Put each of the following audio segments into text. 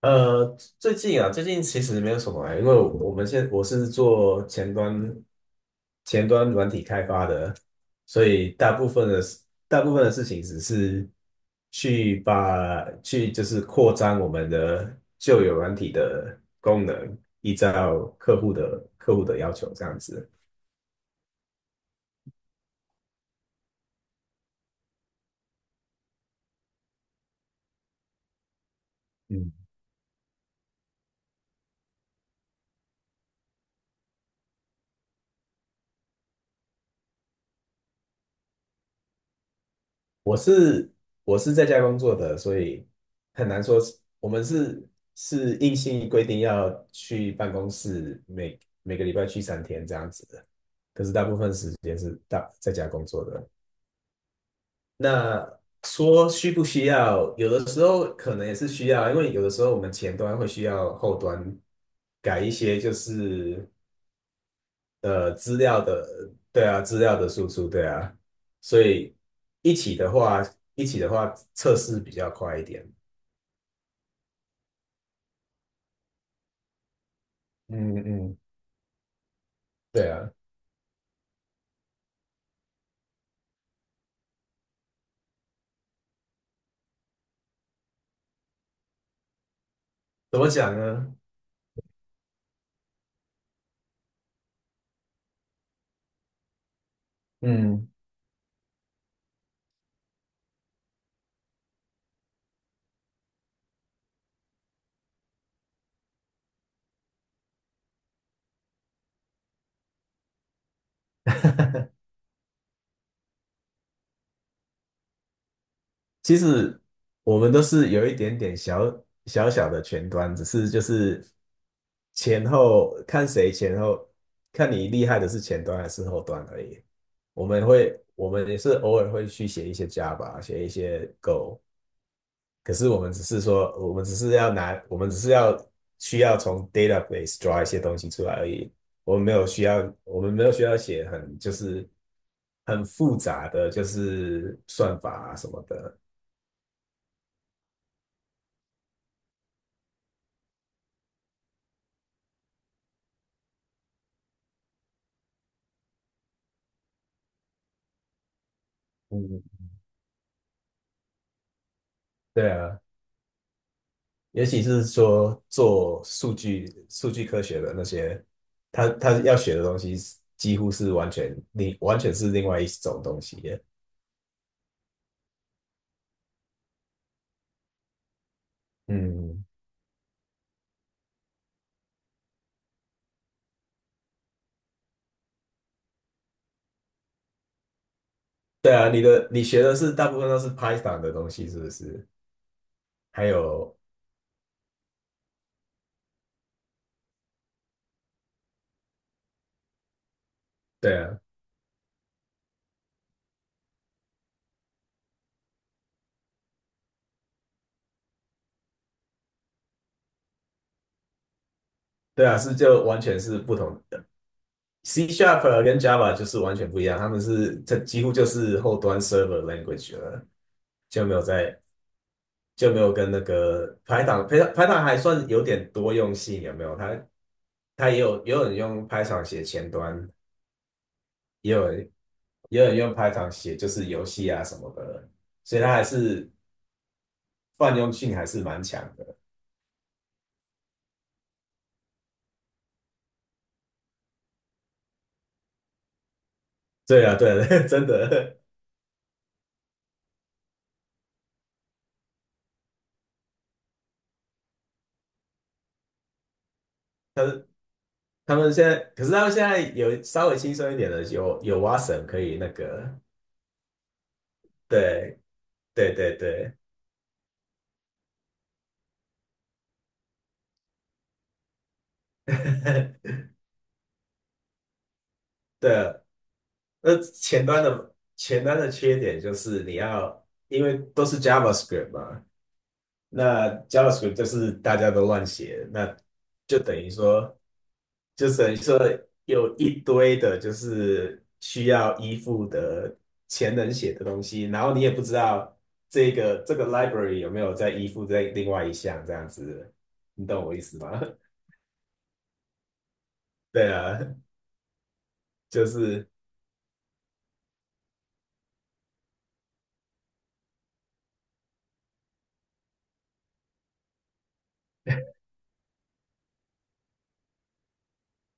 呃，最近啊，最近其实没有什么欸，因为我们现我是做前端软体开发的，所以大部分的事情只是去把去就是扩张我们的旧有软体的功能，依照客户的要求这样子。嗯。我是我是在家工作的，所以很难说是我们是是硬性规定要去办公室每个礼拜去3天这样子的，可是大部分时间是大在家工作的。那说需不需要，有的时候可能也是需要，因为有的时候我们前端会需要后端改一些就是资料的，对啊，资料的输出，对啊，所以一起的话，一起的话测试比较快一点。嗯嗯，对啊，怎么讲呢？嗯，其实我们都是有一点点小小的前端，只是就是看谁前后，看你厉害的是前端还是后端而已。我们会，我们也是偶尔会去写一些 Java,写一些 Go,可是我们只是说，我们只是要拿，我们只是要需要从 database draw 一些东西出来而已。我们没有需要写很就是很复杂的，就是算法啊什么的。嗯，对啊，尤其是说做数据科学的那些，他要学的东西几乎是完全是另外一种东西耶。嗯，对啊，你学的是大部分都是 Python 的东西，是不是？还有对啊，对啊，完全是不同的。C Sharp 跟 Java 就是完全不一样，他们是这几乎就是后端 server language 了，就没有在就没有跟那个 Python，Python 还算有点多用性，有没有？它也有人用 Python 写前端，也有人用 Python 写就是游戏啊什么的，所以它还是泛用性还是蛮强的。对啊，对啊，真的。他们现在，可是他们现在有稍微轻松一点的，有 w a 可以那个，对对。 对啊。那前端的缺点就是你要，因为都是 JavaScript 嘛，那 JavaScript 就是大家都乱写，那就等于说，就等于说有一堆的，就是需要依附的前人写的东西，然后你也不知道这个 library 有没有在依附在另外一项这样子，你懂我意思吗？对啊，就是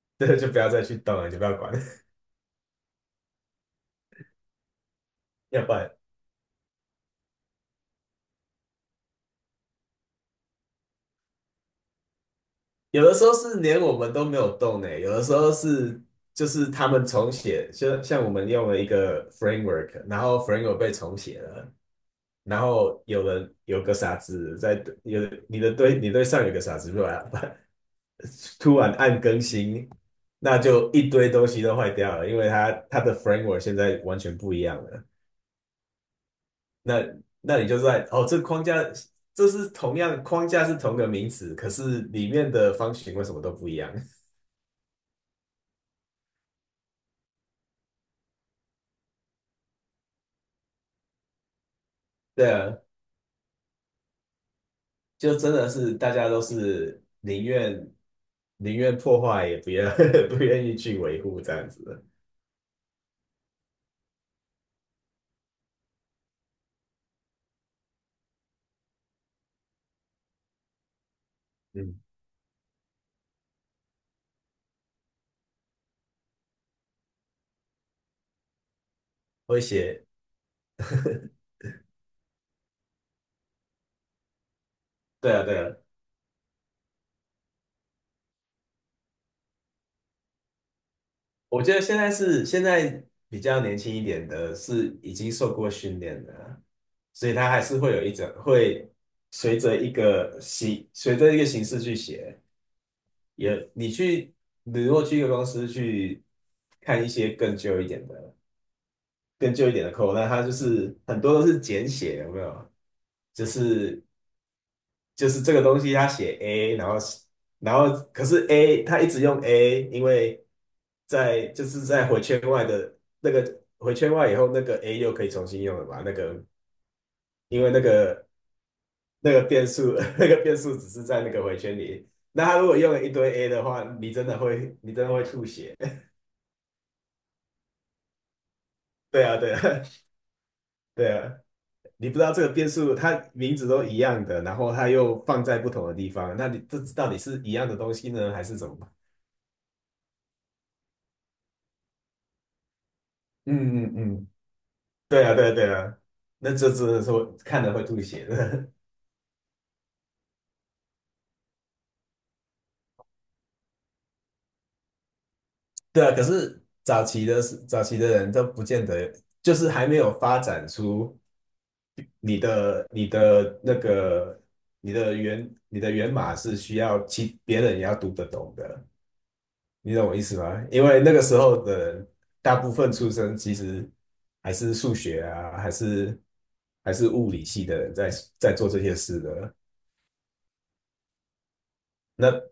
这就不要再去动了，就不要管，要不然有的时候是连我们都没有动呢，有的时候是就是他们重写，就像我们用了一个 framework,然后 framework 被重写了，然后有个傻子在有你堆上有个傻子突然 突然按更新，那就一堆东西都坏掉了，因为它的 framework 现在完全不一样了。那那你就在哦，这是同样框架是同个名词，可是里面的方形为什么都不一样？对啊，就真的是大家都是宁愿宁愿破坏，也不愿 不愿意去维护这样子的。嗯，会写，对啊，对啊。我觉得现在比较年轻一点的，是已经受过训练的啊，所以他还是会有一种会随着一个形式去写。也，你如果去一个公司去看一些更旧一点的、更旧一点的 code,那它就是很多都是简写，有没有？就是就是这个东西，它写 A,然后可是 A 它一直用 A,因为就是在回圈外的那个回圈外以后，那个 A 又可以重新用了嘛？那个因为那个那个变数 那个变数只是在那个回圈里，那它如果用了一堆 A 的话，你真的会吐血。对啊，对啊，对啊，你不知道这个变数，它名字都一样的，然后它又放在不同的地方，那你这到底是一样的东西呢，还是怎么办。 嗯嗯嗯，对啊，对啊，对啊，那这只能说看了会吐血的。对啊，可是早期的人都不见得，就是还没有发展出你的那个你的源码是需要其别人也要读得懂的。你懂我意思吗？因为那个时候的人大部分出生其实还是数学啊，还是物理系的人在做这些事的。那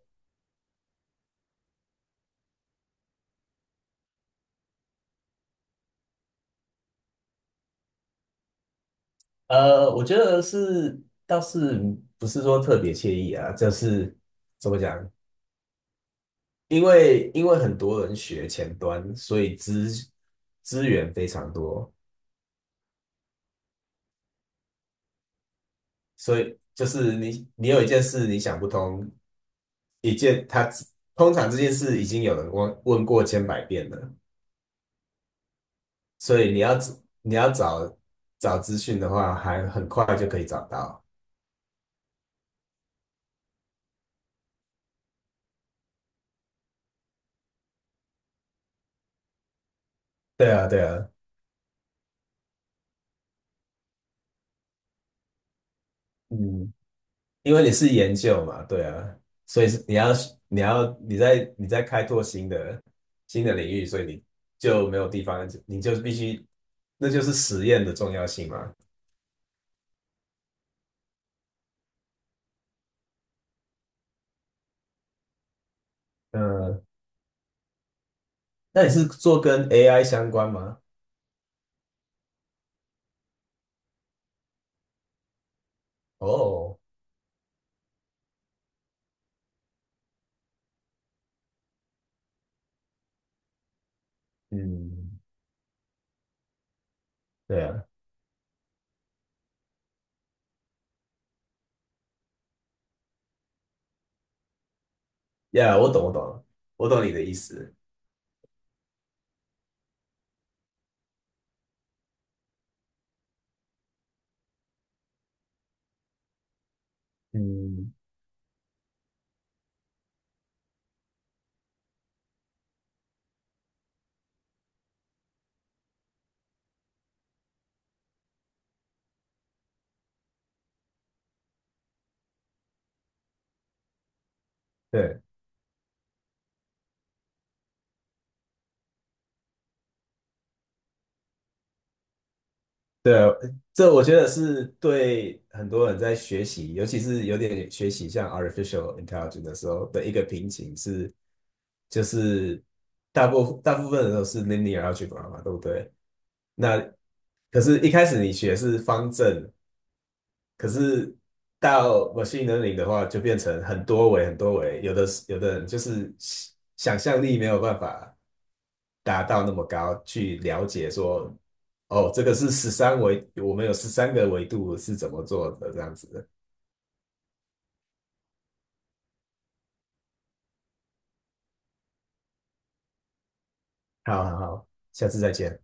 呃，我觉得是倒是不是说特别惬意啊，就是怎么讲？因为很多人学前端，所以资源非常多，所以就是你有一件事你想不通，一件他通常这件事已经有人问过千百遍了，所以你要找找资讯的话，还很快就可以找到。对啊，对啊，嗯，因为你是研究嘛，对啊，所以是你要你在开拓新的新的领域，所以你就没有地方，你就必须，那就是实验的重要性嘛。嗯，那你是做跟 AI 相关吗？哦，嗯，对啊，呀，我懂，我懂，我懂你的意思。嗯，对。对啊，这我觉得是对很多人在学习，尤其是有点学习像 artificial intelligence 的时候的一个瓶颈是，就是大部分人都是 linear a l g e 嘛，对不对？那可是，一开始你学是方阵，可是到 machine learning 的话，就变成很多维、很多维，有的人就是想象力没有办法达到那么高，去了解说，哦，这个是13维，我们有13个维度是怎么做的这样子。好好好，下次再见。